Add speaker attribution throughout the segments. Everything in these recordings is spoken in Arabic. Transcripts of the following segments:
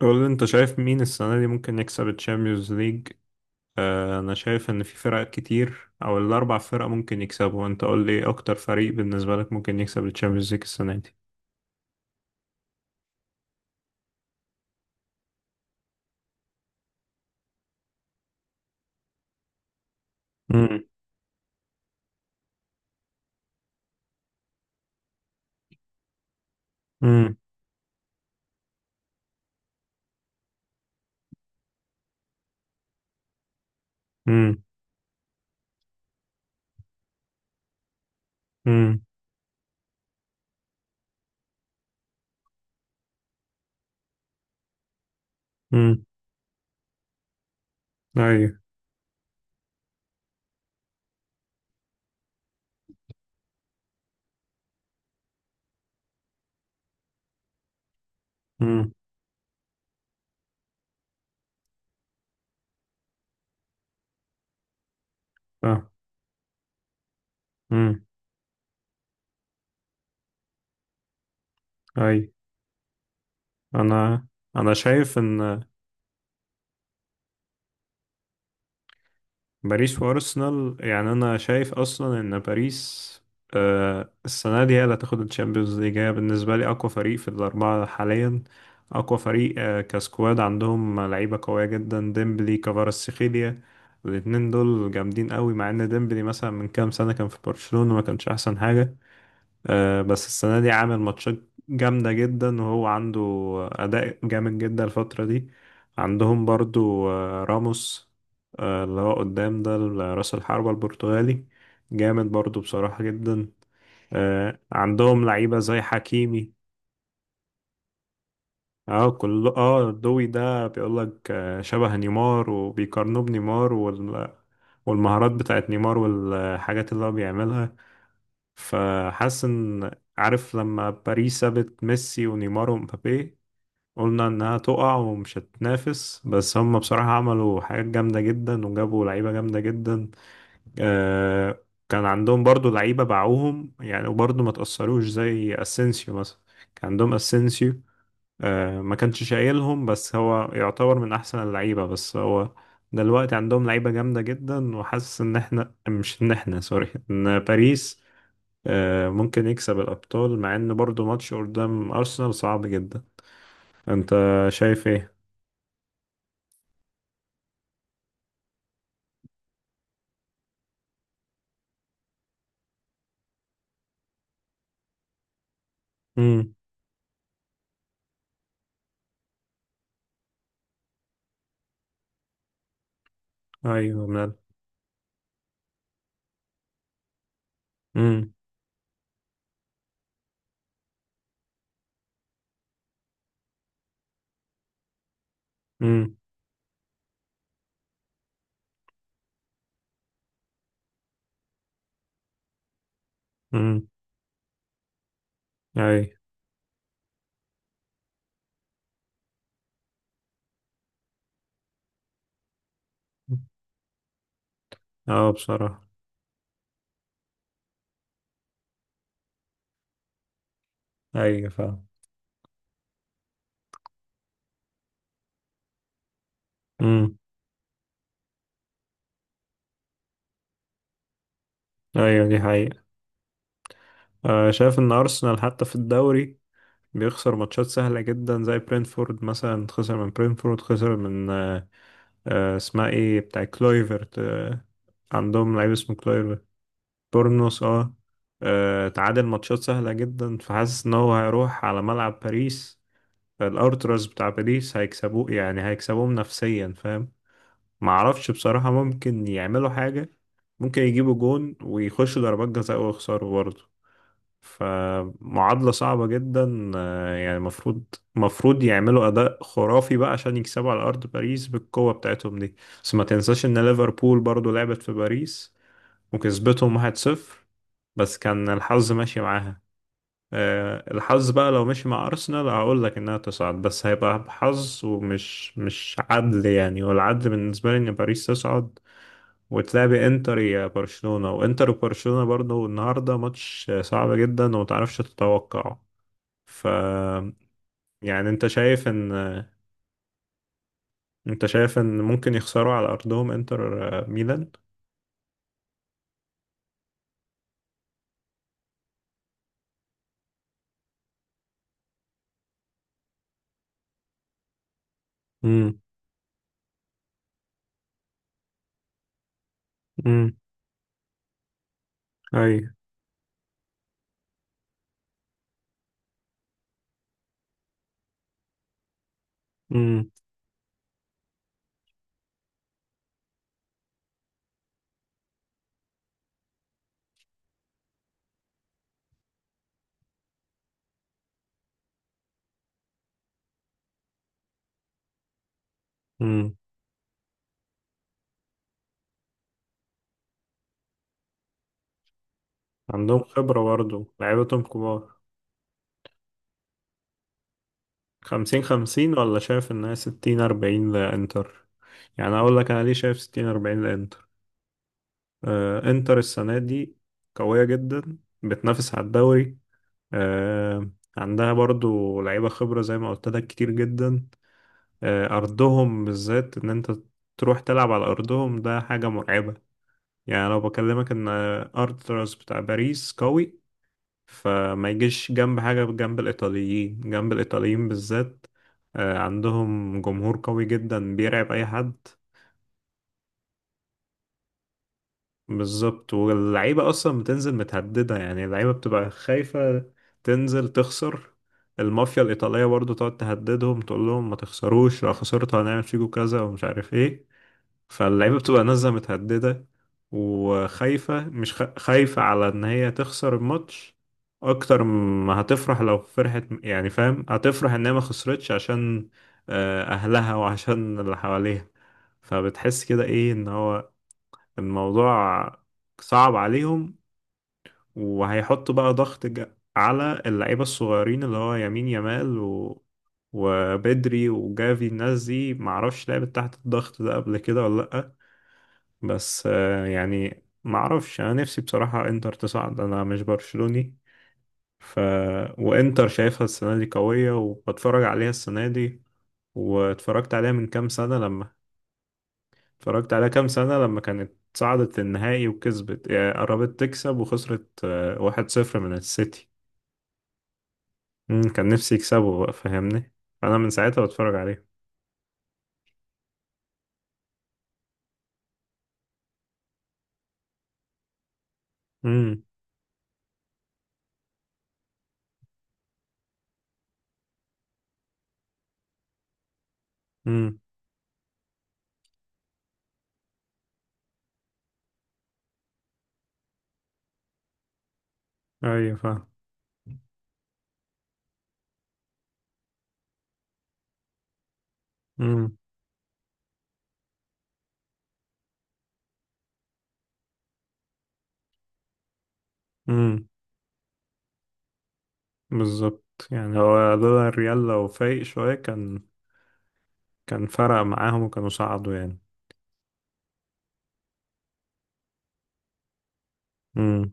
Speaker 1: قول لي، انت شايف مين السنة دي ممكن يكسب الشامبيونز ليج؟ انا شايف ان في فرق كتير او الاربع فرق ممكن يكسبوا. انت قول لي ايه اكتر فريق بالنسبة لك ممكن يكسب الشامبيونز ليج السنة دي؟ امم. امم. امم. امم. امم. ايوه. امم. اه. امم. ايوه. انا انا شايف ان باريس وارسنال. يعني انا شايف اصلا ان باريس السنه دي هي اللي هتاخد الشامبيونز ليج. هي بالنسبه لي اقوى فريق في الاربعه حاليا. اقوى فريق كسكواد. عندهم لعيبه قويه جدا، ديمبلي، كفاراتسخيليا. الاتنين دول جامدين قوي، مع ان ديمبلي مثلا من كام سنه كان في برشلونه ما كانش احسن حاجه. بس السنة دي عامل ماتشات جامدة جدا، وهو عنده أداء جامد جدا الفترة دي. عندهم برضو راموس، اللي هو قدام ده، رأس الحربة البرتغالي، جامد برضو بصراحة جدا. عندهم لعيبة زي حكيمي. اه، كل دوي ده بيقولك شبه نيمار، وبيقارنوه بنيمار والمهارات بتاعت نيمار والحاجات اللي هو بيعملها. فحاسس ان، عارف لما باريس سابت ميسي ونيمار ومبابي، قلنا انها تقع ومش هتنافس، بس هم بصراحة عملوا حاجات جامدة جدا وجابوا لعيبة جامدة جدا. آه كان عندهم برضو لعيبة باعوهم يعني، وبرضو ما تأثروش، زي اسينسيو مثلا. كان عندهم اسينسيو ما كانش شايلهم، بس هو يعتبر من احسن اللعيبة. بس هو دلوقتي عندهم لعيبة جامدة جدا. وحاسس ان احنا، مش ان احنا، سوري، ان باريس ممكن يكسب الأبطال، مع إن برضو ماتش قدام أرسنال صعب جدا. أنت شايف إيه؟ مم. أيوه، من. مم. مم. مم. أيوه. أه، بصراحة. أيوه، فاهم. مم. أيوه، دي حقيقة. شايف إن أرسنال حتى في الدوري بيخسر ماتشات سهلة جدا، زي برينفورد مثلا، خسر من برينفورد، خسر من اسمها إيه، بتاع كلويفرت. عندهم لعيب اسمه كلويفرت. بورنوس، اه. تعادل ماتشات سهلة جدا. فحاسس ان هو هيروح على ملعب باريس، الارتراس بتاع باريس هيكسبوه، يعني هيكسبوهم نفسيا، فاهم. معرفش بصراحة، ممكن يعملوا حاجة، ممكن يجيبوا جون ويخشوا ضربات جزاء ويخسروا برضه. فمعادلة صعبة جدا. يعني المفروض يعملوا أداء خرافي بقى عشان يكسبوا على أرض باريس بالقوة بتاعتهم دي. بس ما تنساش إن ليفربول برضه لعبت في باريس وكسبتهم 1-0، بس كان الحظ ماشي معاها. الحظ بقى لو مشي مع أرسنال هقول لك إنها تصعد، بس هيبقى حظ، ومش مش عدل يعني. والعدل بالنسبة لي إن باريس تصعد، وتلاعبي إنتر. يا برشلونة وإنتر، وبرشلونة برضه النهاردة ماتش صعب جدا ومتعرفش تتوقعه. ف يعني أنت شايف إن ممكن يخسروا على أرضهم، إنتر ميلان. امم. امم. اي. امم. عندهم خبرة برضه، لعيبتهم كبار. 50-50، ولا شايف انها 60-40 لانتر؟ يعني اقول لك انا ليه شايف 60-40 لانتر. انتر السنة دي قوية جدا، بتنافس على الدوري. آه عندها برضو لعيبة خبرة زي ما قلت لك كتير جدا. ارضهم بالذات، ان انت تروح تلعب على ارضهم ده حاجة مرعبة. يعني لو بكلمك ان ارتراس بتاع باريس قوي، فما يجيش جنب حاجة، جنب الإيطاليين، جنب الإيطاليين بالذات. عندهم جمهور قوي جدا، بيرعب أي حد. بالظبط، واللعيبة أصلا بتنزل متهددة. يعني اللعيبة بتبقى خايفة تنزل تخسر. المافيا الإيطالية برضو تقعد تهددهم، تقول لهم ما تخسروش، لو خسرتوا هنعمل فيكوا كذا ومش عارف إيه. فاللعيبة بتبقى نازلة متهددة وخايفة، مش خايفة على إن هي تخسر الماتش أكتر ما هتفرح. لو فرحت يعني، فاهم، هتفرح إن هي ما خسرتش عشان أهلها وعشان اللي حواليها. فبتحس كده إيه، إن هو الموضوع صعب عليهم. وهيحطوا بقى ضغط على اللعيبة الصغيرين، اللي هو يمين يمال وبدري وجافي، الناس دي معرفش لعبت تحت الضغط ده قبل كده ولا لأ. بس يعني ما اعرفش، انا نفسي بصراحة انتر تصعد، انا مش برشلوني. ف وانتر شايفها السنة دي قوية، وبتفرج عليها السنة دي، واتفرجت عليها من كام سنة لما اتفرجت عليها كام سنة لما كانت صعدت النهائي وكسبت، يعني قربت تكسب وخسرت 1-0 من السيتي. كان نفسي يكسبوا بقى، فاهمني. فانا من ساعتها بتفرج عليهم. امم. امم. ايوه، فاهم. امم. امم. بالظبط. يعني هو لولا الريال لو فايق شوية، كان فرق معاهم، وكانوا صعدوا يعني. امم.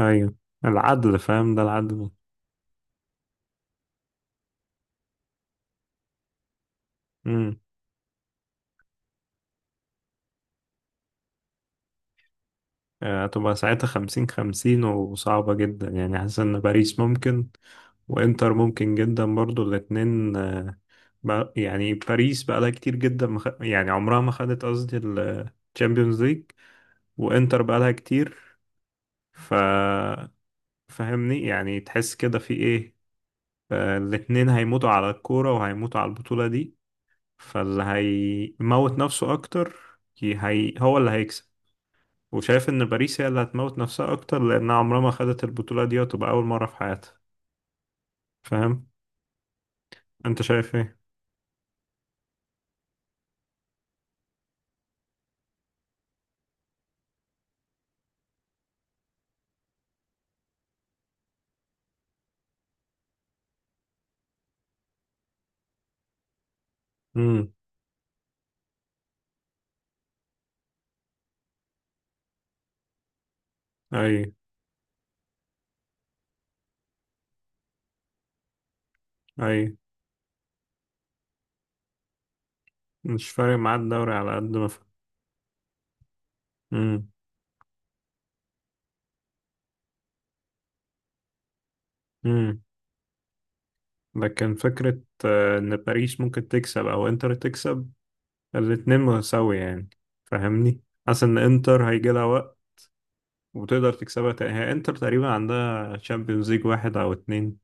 Speaker 1: ايوه. العدل فاهم، ده العدل. امم. هتبقى ساعتها 50-50 وصعبة جدا. يعني حاسس ان باريس ممكن، وانتر ممكن جدا برضو، الاتنين يعني باريس بقالها كتير جدا، يعني عمرها ما خدت، قصدي الشامبيونز ليج. وانتر بقالها كتير. ف فاهمني، يعني تحس كده في ايه. الاتنين هيموتوا على الكورة وهيموتوا على البطولة دي. فاللي هيموت نفسه اكتر، هي هو اللي هيكسب. وشايف ان باريس هي اللي هتموت نفسها اكتر، لانها عمرها ما خدت البطولة دي، وتبقى اول مرة في حياتها. فاهم، انت شايف ايه؟ امم. اي. اي، مش فارق معاه الدوري على قد ما امم. امم. لكن فكرة ان باريس ممكن تكسب او انتر تكسب، الاتنين متساوية يعني، فاهمني. حاسس ان انتر هيجي لها وقت وتقدر تكسبها تاني. هي انتر تقريبا عندها تشامبيونز ليج واحد او اتنين،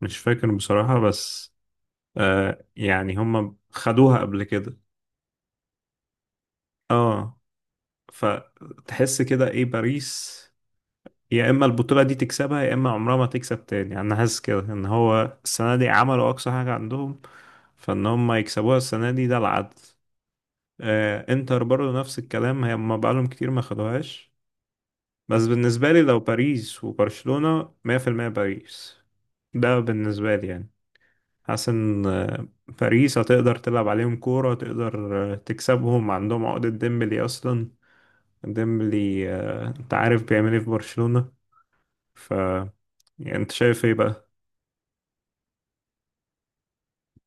Speaker 1: مش فاكر بصراحة. بس يعني هم خدوها قبل كده. اه، فتحس كده ايه. باريس يا اما البطولة دي تكسبها، يا اما عمرها ما تكسب تاني. يعني انا حاسس كده ان هو السنة دي عملوا اقصى حاجة عندهم، فان هم يكسبوها السنة دي ده العدل. انتر برضه نفس الكلام، هي ما بقالهم كتير، ما خدوهاش. بس بالنسبة لي لو باريس وبرشلونة، 100% باريس. ده بالنسبة لي يعني. حاسس ان باريس هتقدر تلعب عليهم كورة، تقدر تكسبهم، عندهم عقدة ديمبلي اصلا. ديمبلي انت عارف بيعمل ايه في برشلونة. ف يعني انت شايف ايه بقى؟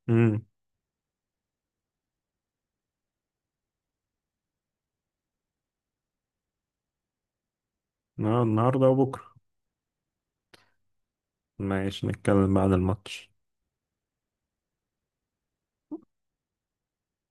Speaker 1: امم. النهارده وبكرة. ماشي، نتكلم بعد الماتش.